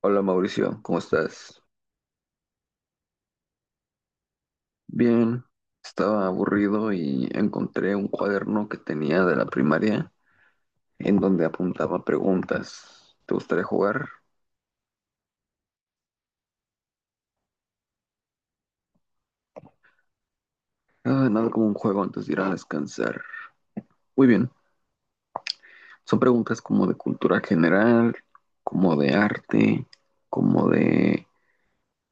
Hola Mauricio, ¿cómo estás? Bien, estaba aburrido y encontré un cuaderno que tenía de la primaria en donde apuntaba preguntas. ¿Te gustaría jugar? Ah, nada como un juego antes de ir a descansar. Muy bien, son preguntas como de cultura general, como de arte, como de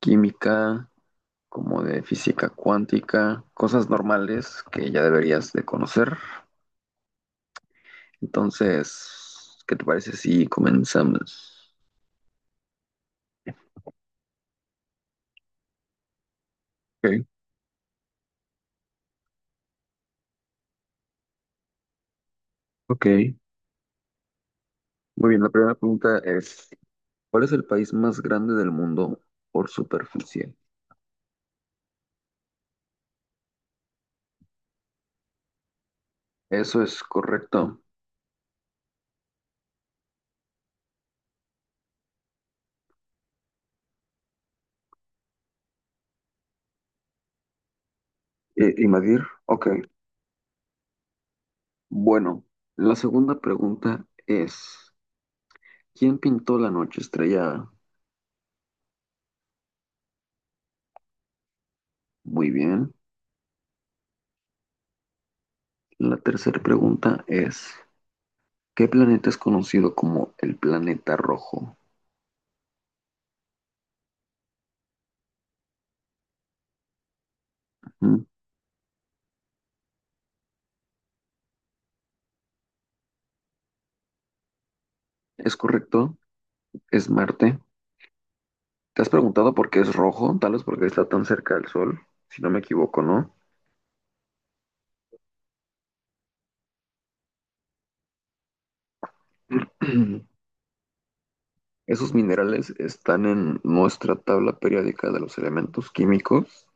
química, como de física cuántica, cosas normales que ya deberías de conocer. Entonces, ¿qué te parece si comenzamos? Ok. Ok, muy bien. La primera pregunta es, ¿cuál es el país más grande del mundo por superficie? Eso es correcto. ¿Y Madir? Ok, bueno. La segunda pregunta es, ¿quién pintó la noche estrellada? Muy bien. La tercera pregunta es, ¿qué planeta es conocido como el planeta rojo? Ujú. ¿Es correcto? ¿Es Marte? ¿Te has preguntado por qué es rojo? Tal vez porque está tan cerca del Sol, si no me equivoco, ¿no? Esos minerales están en nuestra tabla periódica de los elementos químicos.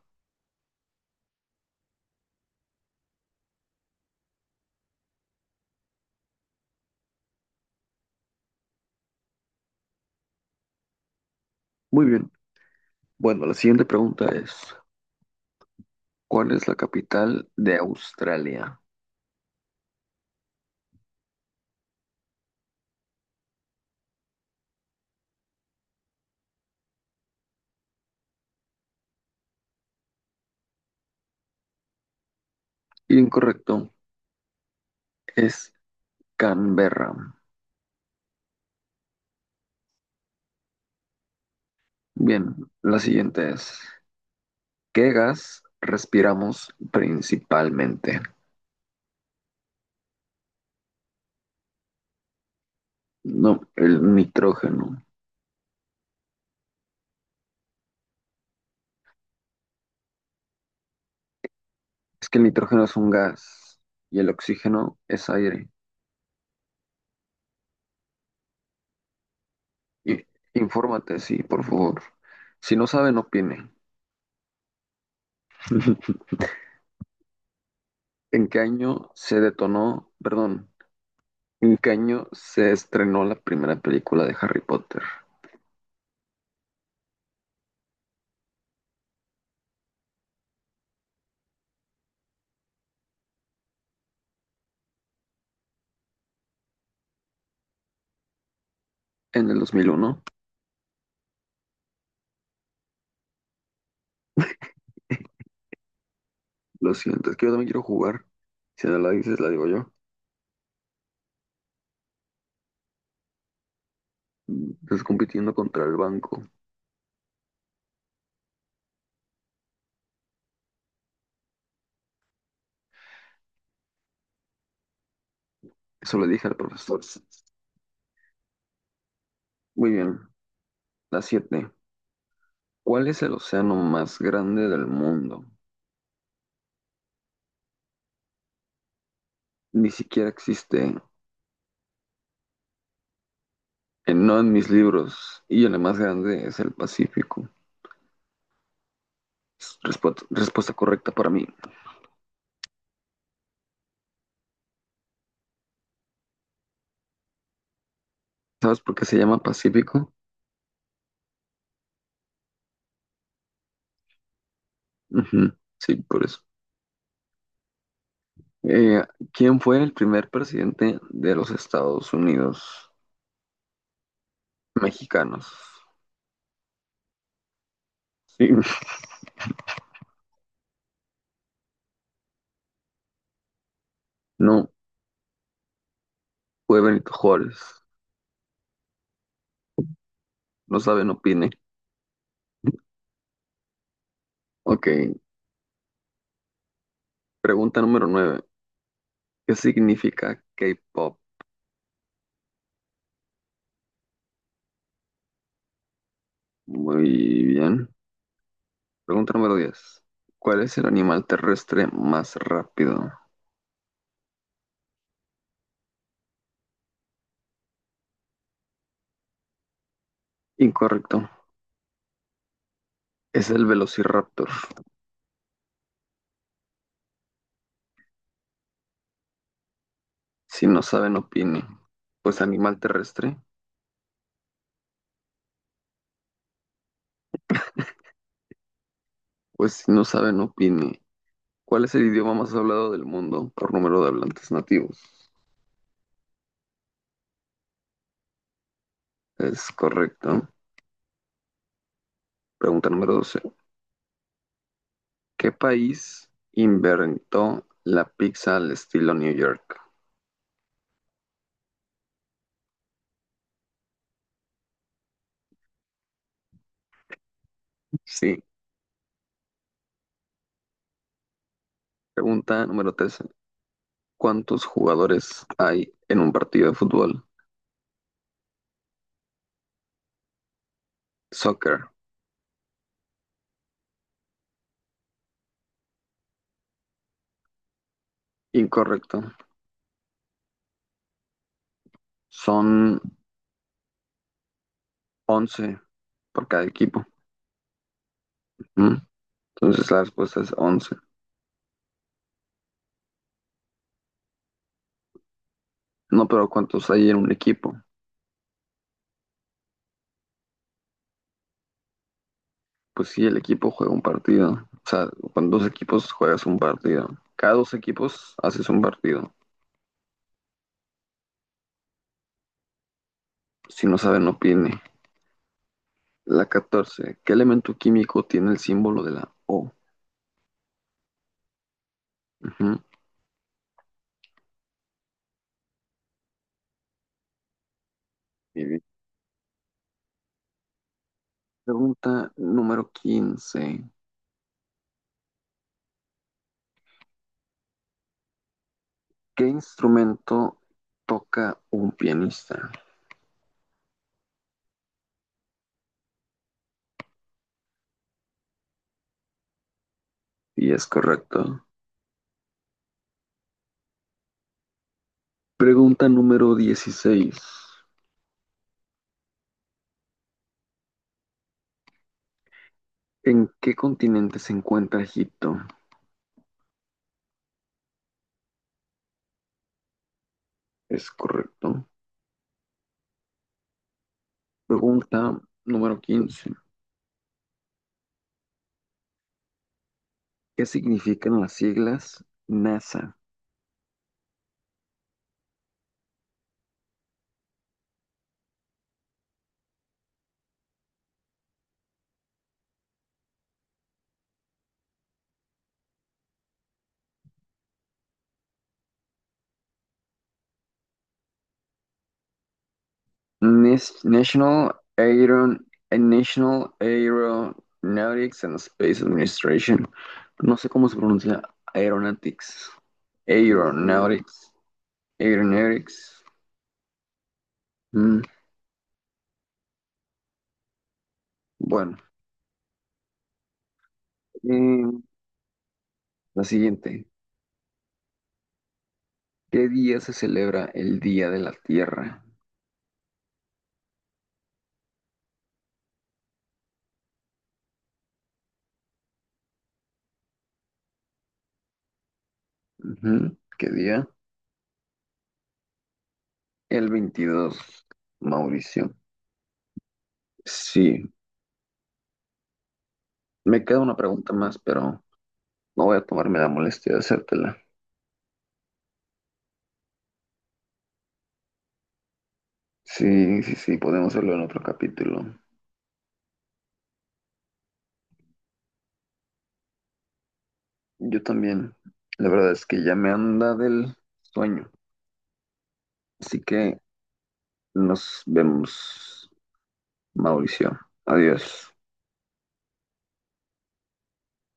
Muy bien. Bueno, la siguiente pregunta es, ¿cuál es la capital de Australia? Incorrecto, es Canberra. Bien, la siguiente es, ¿qué gas respiramos principalmente? No, el nitrógeno. Es que el nitrógeno es un gas y el oxígeno es aire. I- Infórmate, sí, por favor. Si no sabe, no opine. ¿En qué año se detonó, perdón, en qué año se estrenó la primera película de Harry Potter? En el dos mil uno. Lo siento, es que yo también quiero jugar. Si no la dices, la digo yo. Estás compitiendo contra el banco. Eso le dije al profesor. Muy bien. La 7. ¿Cuál es el océano más grande del mundo? Ni siquiera existe. No en mis libros. Y el más grande es el Pacífico. Respuesta correcta para mí. ¿Sabes por qué se llama Pacífico? Ujú, sí, por eso. Eh, ¿Quién fue el primer presidente de los Estados Unidos mexicanos? Sí, no, fue Benito Juárez. No sabe, no opine. Ok, pregunta número nueve. ¿Qué significa K-pop? Muy bien. Pregunta número 10. ¿Cuál es el animal terrestre más rápido? Incorrecto. Es el Velociraptor. Si no saben, opine. Pues animal terrestre. Pues si no saben, opine. ¿Cuál es el idioma más hablado del mundo por número de hablantes nativos? Es correcto. Pregunta número 12. ¿Qué país inventó la pizza al estilo New York? Sí. Pregunta número 13. ¿Cuántos jugadores hay en un partido de fútbol? Soccer. Incorrecto. Son once por cada equipo. ¿Mm? Entonces la respuesta es 11. No, pero ¿cuántos hay en un equipo? Pues sí, el equipo juega un partido. O sea, con dos equipos juegas un partido. Cada dos equipos haces un partido. Si no saben, opine. La 14. ¿Qué elemento químico tiene el símbolo de la O? Ujú. Muy bien. Pregunta número quince. ¿Qué instrumento toca un pianista? Y es correcto. Pregunta número dieciséis. ¿En qué continente se encuentra Egipto? Es correcto. Pregunta número 15. ¿Qué significan las siglas NASA? Nas- National Aeron National Aeronautics and Space Administration. No sé cómo se pronuncia Aeronautics. Aeronautics. Aeronautics. Mm, Bueno, eh, la siguiente. ¿Qué día se celebra el Día de la Tierra? Ujú, ¿qué día? El 22. Mauricio. Sí, me queda una pregunta más, pero no voy a tomarme la molestia de hacértela. Sí, sí, sí, podemos hacerlo en otro capítulo. Yo también. La verdad es que ya me anda del sueño. Así que nos vemos, Mauricio. Adiós.